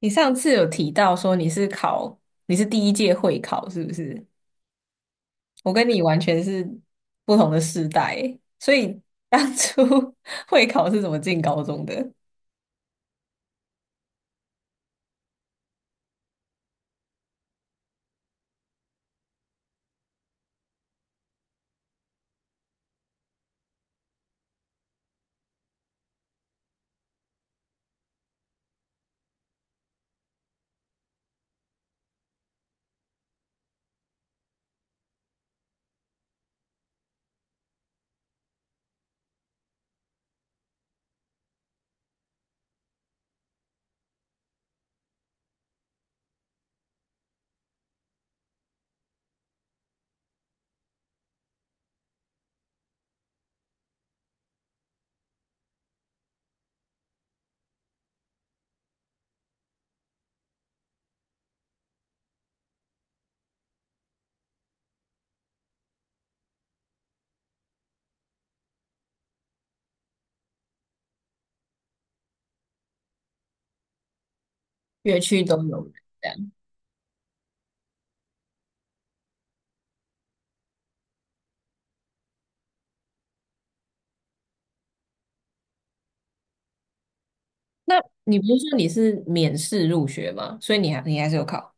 你上次有提到说你是第一届会考，是不是？我跟你完全是不同的世代欸，所以当初 会考是怎么进高中的？乐区都有人这样。那你不是说你是免试入学吗？所以你还是有考。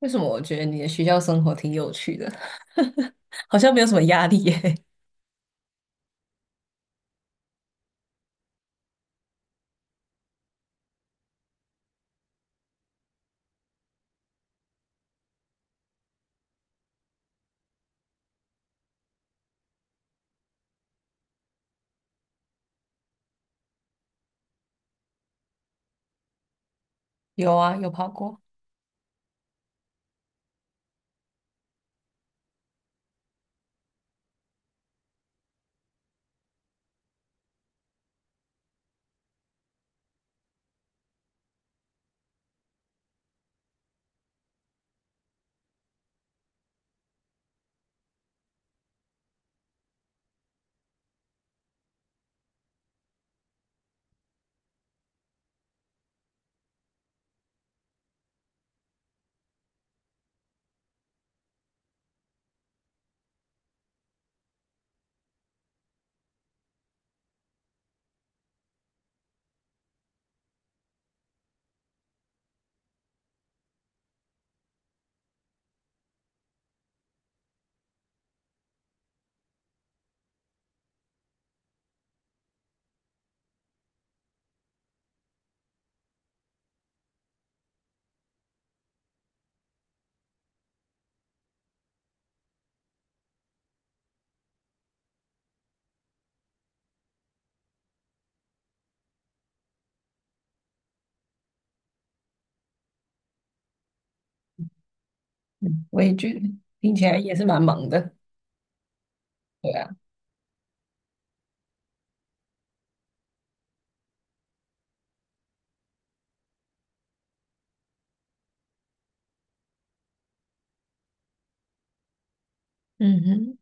为什么我觉得你的学校生活挺有趣的，好像没有什么压力耶？有啊，有跑过。嗯，我也觉得听起来也是蛮忙的。对啊。嗯哼。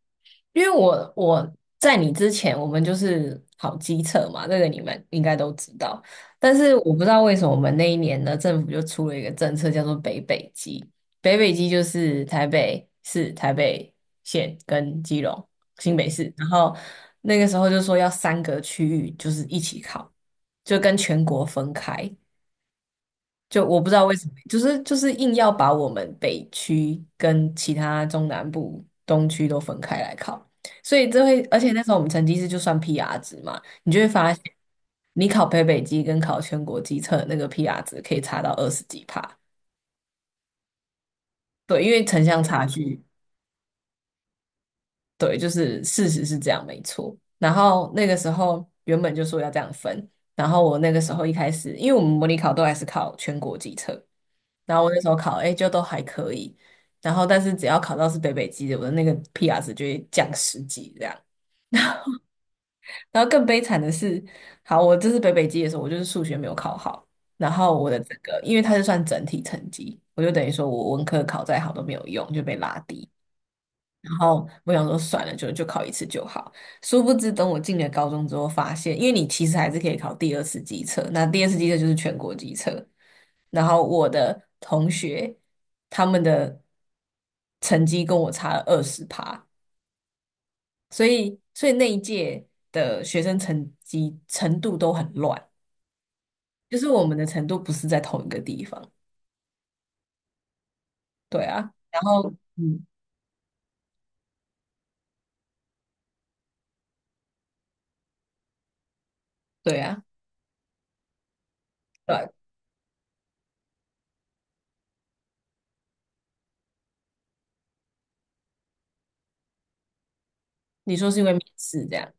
因为我在你之前，我们就是考机测嘛，这个你们应该都知道。但是我不知道为什么我们那一年呢，政府就出了一个政策，叫做北北基。北北基就是台北市、台北县跟基隆、新北市，然后那个时候就说要三个区域就是一起考，就跟全国分开。就我不知道为什么，就是硬要把我们北区跟其他中南部东区都分开来考，所以这会，而且那时候我们成绩是就算 PR 值嘛，你就会发现，你考北北基跟考全国基测那个 PR 值可以差到二十几帕。对，因为城乡差距。对，就是事实是这样，没错。然后那个时候原本就说要这样分，然后我那个时候一开始，因为我们模拟考都还是考全国基测。然后我那时候考 A 就都还可以，然后但是只要考到是北北基的，我的那个 PR 值就会降十几这样。然后更悲惨的是，好，我这次北北基的时候，我就是数学没有考好，然后我的这个，因为它是算整体成绩，我就等于说我文科考再好都没有用，就被拉低。然后我想说算了，就考一次就好。殊不知，等我进了高中之后，发现因为你其实还是可以考第二次机测，那第二次机测就是全国机测。然后我的同学他们的成绩跟我差了20趴，所以那一届的学生成绩程度都很乱，就是我们的程度不是在同一个地方。对啊。然后嗯，对啊，对啊，你说是因为面试这样。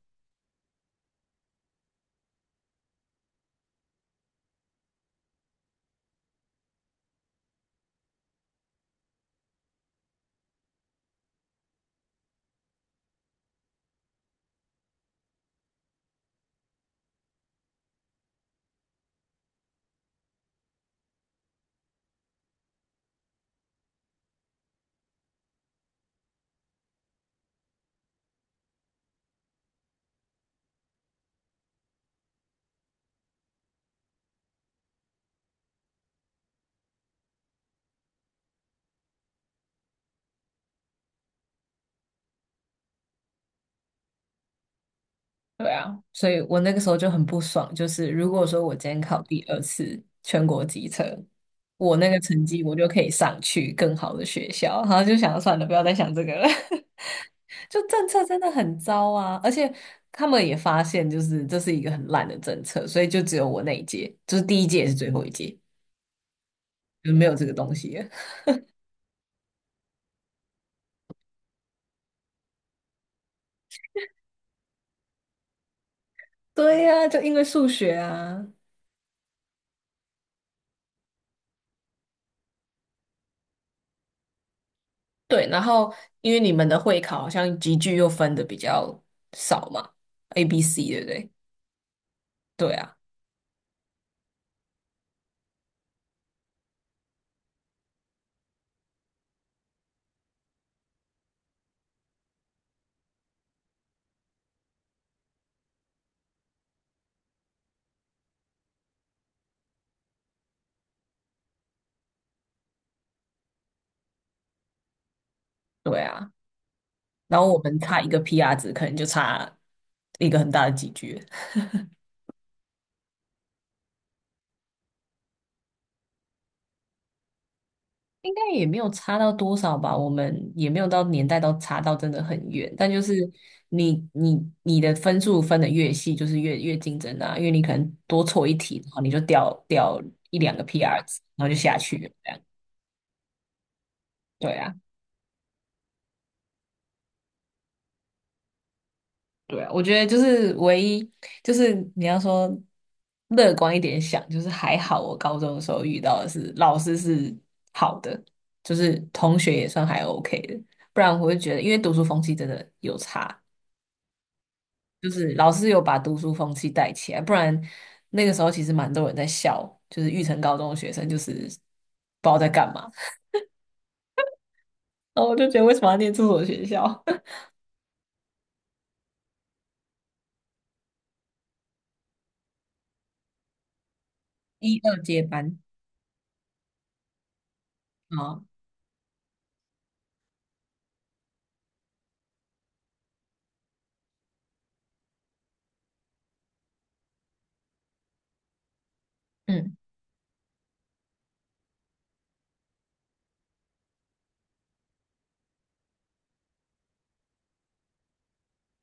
对啊，所以我那个时候就很不爽，就是如果说我今天考第二次全国机测，我那个成绩我就可以上去更好的学校，然后就想算了，不要再想这个了。就政策真的很糟啊。而且他们也发现，就是这是一个很烂的政策，所以就只有我那一届，就是第一届也是最后一届，就没有这个东西了。对呀，就因为数学啊。对，然后因为你们的会考好像集聚又分的比较少嘛，A、B、C,对不对？对啊。对啊，然后我们差一个 PR 值，可能就差一个很大的几句。应该也没有差到多少吧。我们也没有到年代到差到真的很远，但就是你你你的分数分的越细，就是越竞争啊，因为你可能多错一题，然后你就掉一两个 PR 值，然后就下去了，这样。对啊。对啊，我觉得就是唯一，就是你要说乐观一点想，就是还好我高中的时候遇到的是老师是好的，就是同学也算还 OK 的，不然我会觉得，因为读书风气真的有差，就是老师有把读书风气带起来，不然那个时候其实蛮多人在笑，就是育成高中的学生就是不知道在干嘛，然后我就觉得为什么要念这所学校。一二接班啊。嗯。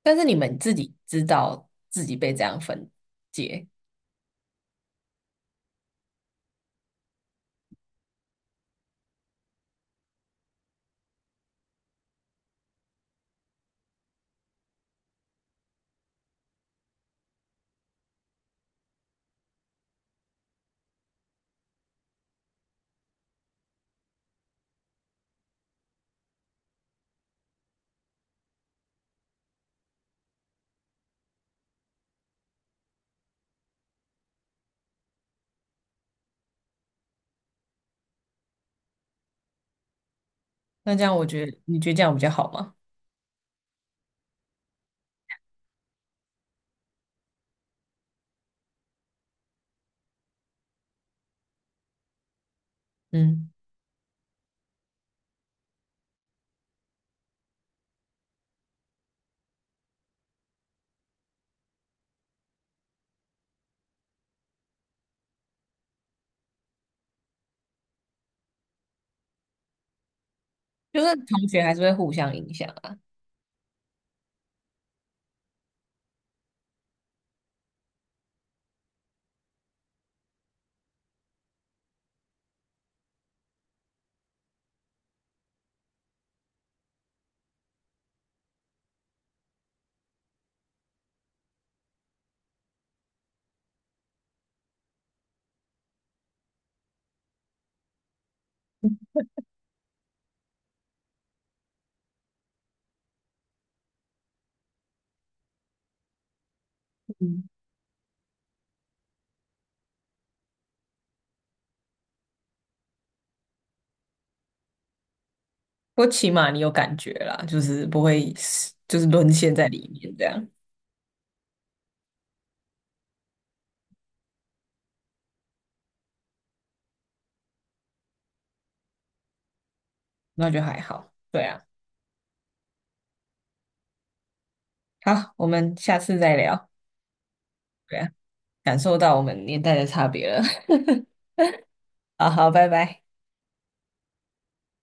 但是你们自己知道自己被这样分解，那这样我觉得你觉得这样比较好吗？嗯，就是同学还是会互相影响啊。嗯，不过起码你有感觉啦，就是不会就是沦陷在里面这样，那就还好。对啊，好，我们下次再聊。对啊，感受到我们年代的差别了。好好，拜拜。